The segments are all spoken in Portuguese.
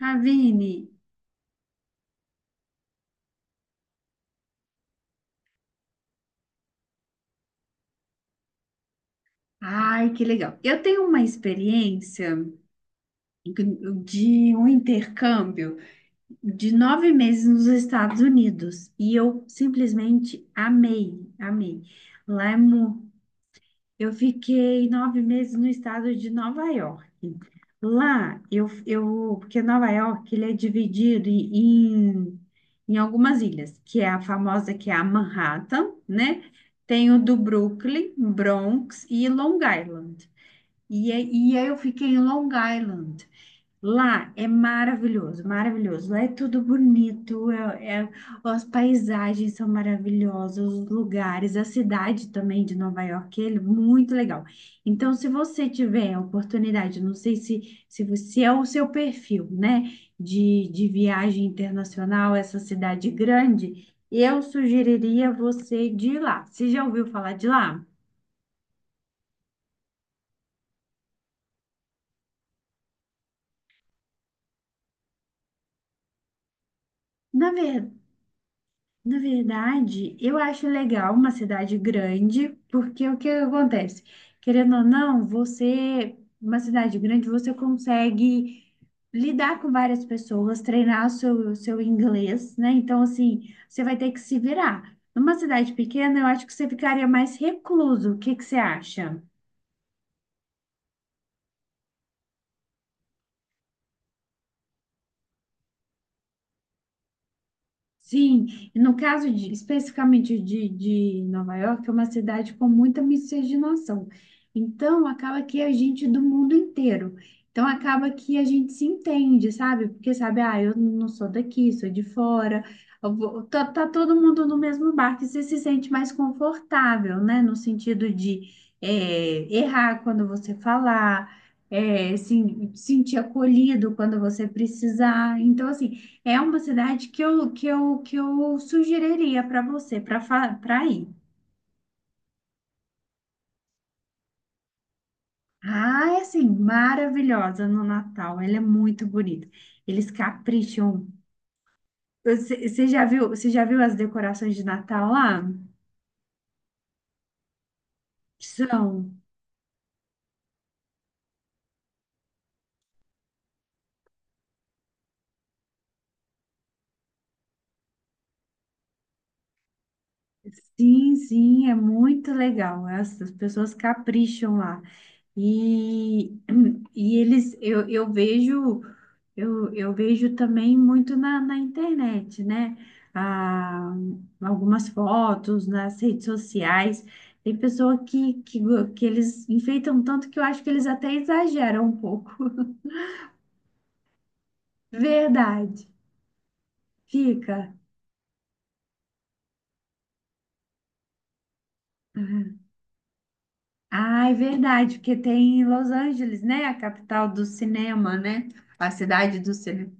Ravine, ai, que legal. Eu tenho uma experiência de um intercâmbio de 9 meses nos Estados Unidos e eu simplesmente amei, amei. Lá é mu- eu fiquei 9 meses no estado de Nova York. Lá eu porque Nova York ele é dividido em algumas ilhas, que é a famosa que é a Manhattan, né? Tem o do Brooklyn, Bronx e Long Island. E aí eu fiquei em Long Island. Lá é maravilhoso, maravilhoso. Lá é tudo bonito, as paisagens são maravilhosas, os lugares, a cidade também de Nova York, é muito legal. Então, se você tiver a oportunidade, não sei se, se, você, é o seu perfil, né, de viagem internacional, essa cidade grande, eu sugeriria você de ir lá. Você já ouviu falar de lá? Na verdade. Na verdade, eu acho legal uma cidade grande, porque o que acontece? Querendo ou não, você, uma cidade grande, você consegue lidar com várias pessoas, treinar o seu inglês, né? Então, assim, você vai ter que se virar. Numa cidade pequena, eu acho que você ficaria mais recluso. O que que você acha? Sim, e no caso especificamente de Nova York, é uma cidade com muita miscigenação. Então, acaba que é gente do mundo inteiro. Então, acaba que a gente se entende, sabe? Porque, sabe, ah, eu não sou daqui, sou de fora. Tá, tá todo mundo no mesmo barco e você se sente mais confortável, né? No sentido de errar quando você falar, é, se, sentir acolhido quando você precisar. Então, assim, é uma cidade que eu sugeriria para você, para ir. Ah, é assim, maravilhosa no Natal. Ela é muito bonita. Eles capricham. Você já viu as decorações de Natal lá? São. Sim, sim, é muito legal. As pessoas capricham lá. E, eu vejo. Eu vejo também muito na internet, né? Ah, algumas fotos nas redes sociais. Tem pessoa que eles enfeitam tanto que eu acho que eles até exageram um pouco. Verdade. Fica. Uhum. Ah, é verdade, porque tem Los Angeles, né? A capital do cinema, né? A cidade do cinema.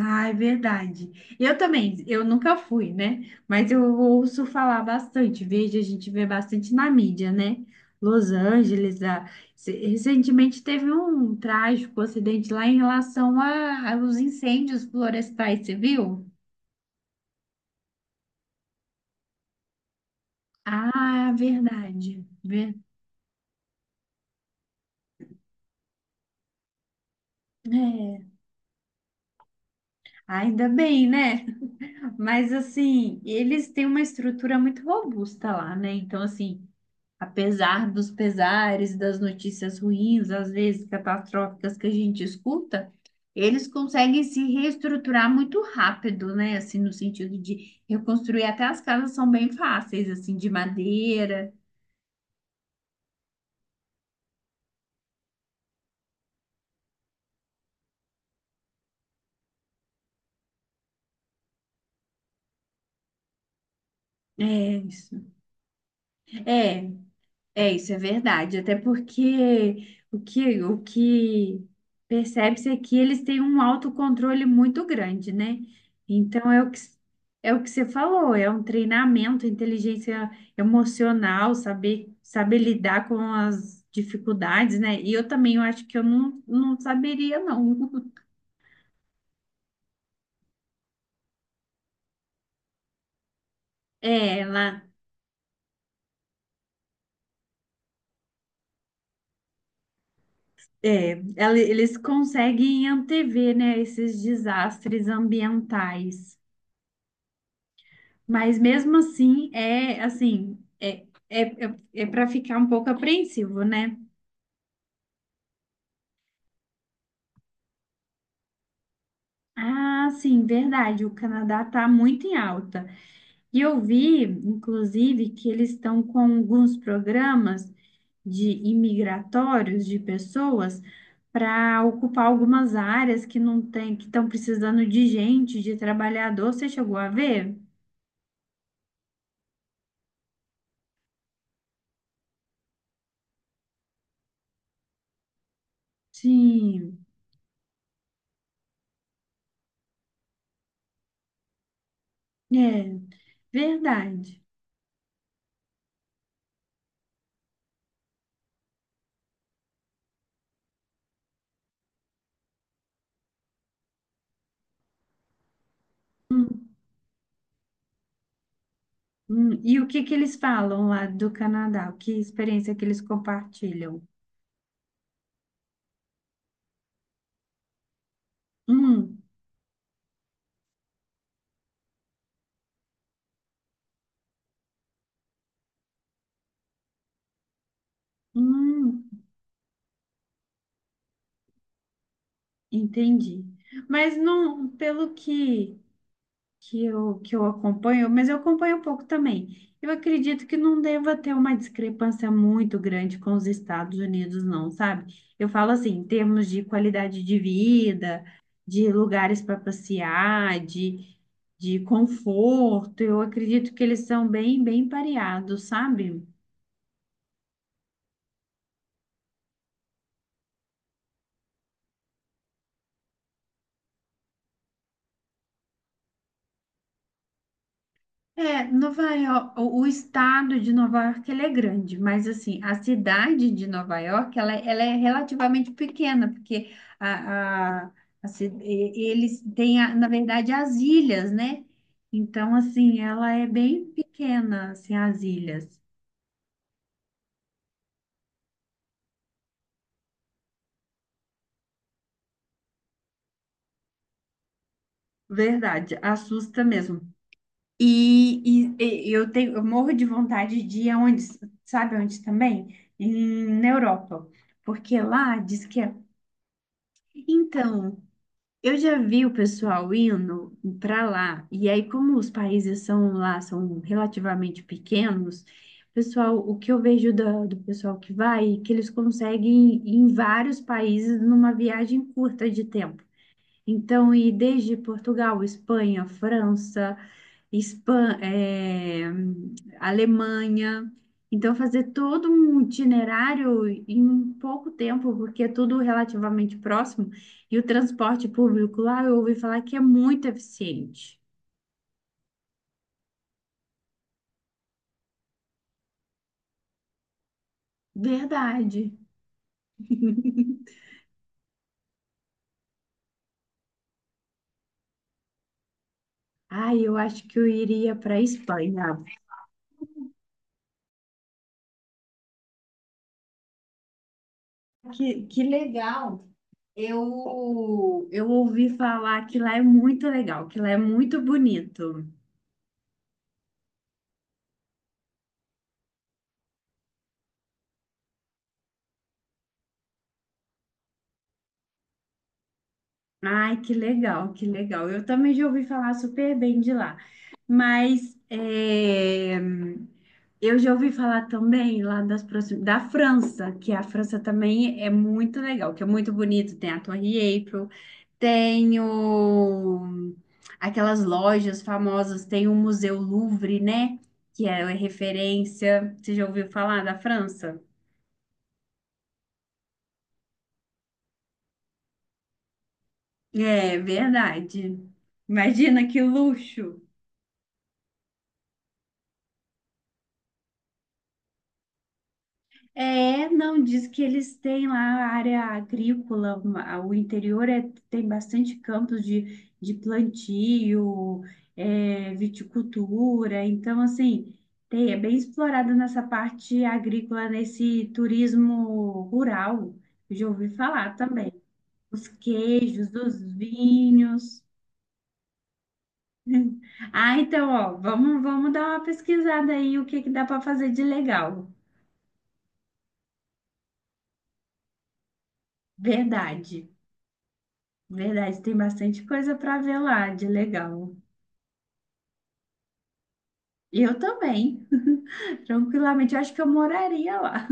Ah, é verdade. Eu também, eu nunca fui, né? Mas eu ouço falar bastante, vejo, a gente vê bastante na mídia, né? Los Angeles, a- se- recentemente teve um trágico acidente lá em aos incêndios florestais, você viu? Ah, verdade. Ver- É, ainda bem, né? Mas assim, eles têm uma estrutura muito robusta lá, né? Então, assim. Apesar dos pesares, das notícias ruins, às vezes catastróficas que a gente escuta, eles conseguem se reestruturar muito rápido, né? Assim, no sentido de reconstruir até as casas são bem fáceis, assim, de madeira. É isso. É, É, isso é verdade. Até porque o que percebe-se é que eles têm um autocontrole muito grande, né? Então é o que, é o que você falou, é um treinamento, inteligência emocional, saber lidar com as dificuldades, né? E eu também eu acho que eu não, não saberia, não. É, lá, eles conseguem antever, né, esses desastres ambientais. Mas mesmo assim, é assim, é para ficar um pouco apreensivo, né? Ah, sim, verdade, o Canadá está muito em alta. E eu vi, inclusive, que eles estão com alguns programas de imigratórios de pessoas para ocupar algumas áreas que não tem, que estão precisando de gente, de trabalhador. Você chegou a ver? Sim, é verdade. E o que que eles falam lá do Canadá? Que experiência que eles compartilham? Hum, hum, entendi. Mas não, pelo que eu acompanho, mas eu acompanho um pouco também. Eu acredito que não deva ter uma discrepância muito grande com os Estados Unidos, não, sabe? Eu falo assim, em termos de qualidade de vida, de lugares para passear, de conforto, eu acredito que eles são bem, bem pareados, sabe? É, Nova York, o estado de Nova York ele é grande, mas assim, a cidade de Nova York ela é relativamente pequena, porque a, a, eles têm, a- na verdade, as ilhas, né? Então, assim, ela é bem pequena, assim, as ilhas. Verdade, assusta mesmo. E eu tenho, eu morro de vontade de ir aonde, sabe onde também? Na Europa, porque lá diz que é. Então. Eu já vi o pessoal indo para lá, e aí, como os países são lá, são relativamente pequenos, pessoal, o que eu vejo pessoal que vai é que eles conseguem ir em vários países numa viagem curta de tempo. Então, ir desde Portugal, Espanha, França, Espan- eh, Alemanha. Então, fazer todo um itinerário em pouco tempo, porque é tudo relativamente próximo, e o transporte público lá eu ouvi falar que é muito eficiente. Verdade. Ai, eu acho que eu iria para a Espanha. Que legal. Eu ouvi falar que lá é muito legal, que lá é muito bonito. Ai, que legal, que legal. Eu também já ouvi falar super bem de lá. Mas é, eu já ouvi falar também lá da França, que a França também é muito legal, que é muito bonito. Tem a Torre Eiffel, tem o- aquelas lojas famosas, tem o Museu Louvre, né? Que é referência. Você já ouviu falar da França? É verdade. Imagina que luxo. É, não, diz que eles têm lá a área agrícola, o interior tem bastante campos de plantio, é, viticultura, então, assim, é bem explorada nessa parte agrícola, nesse turismo rural, eu já ouvi falar também, os queijos, os vinhos. Ah, então, ó, vamos, vamos dar uma pesquisada aí, o que que dá para fazer de legal, verdade. Verdade, tem bastante coisa para ver lá de legal. E eu também, tranquilamente. Eu acho que eu moraria lá.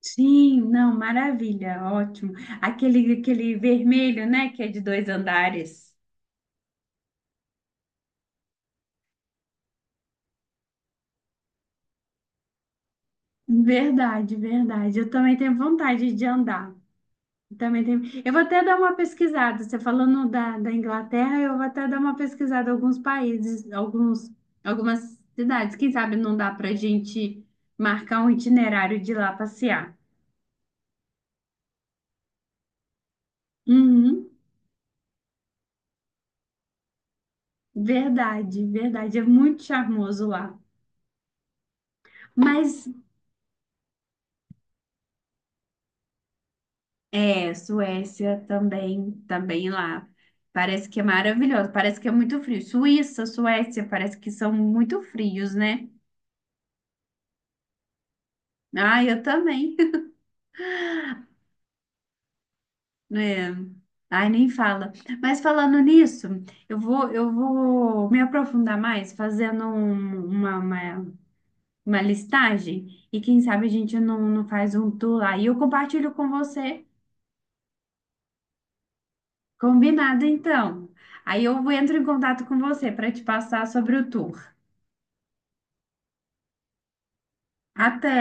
Sim, não, maravilha, ótimo. Aquele, aquele vermelho, né, que é de dois andares. Verdade, verdade. Eu também tenho vontade de andar. Eu Também tenho. Eu vou até dar uma pesquisada. Você falando da Inglaterra, eu vou até dar uma pesquisada em alguns países, alguns, algumas cidades. Quem sabe não dá para a gente marcar um itinerário de ir lá passear. Uhum, verdade, verdade. É muito charmoso lá. Mas é, Suécia também, também lá. Parece que é maravilhoso, parece que é muito frio. Suíça, Suécia, parece que são muito frios, né? Ah, eu também. É. Ai, nem fala. Mas falando nisso, eu vou me aprofundar mais fazendo uma listagem e quem sabe a gente não faz um tour lá. E eu compartilho com você. Combinado, então. Aí eu entro em contato com você para te passar sobre o tour. Até!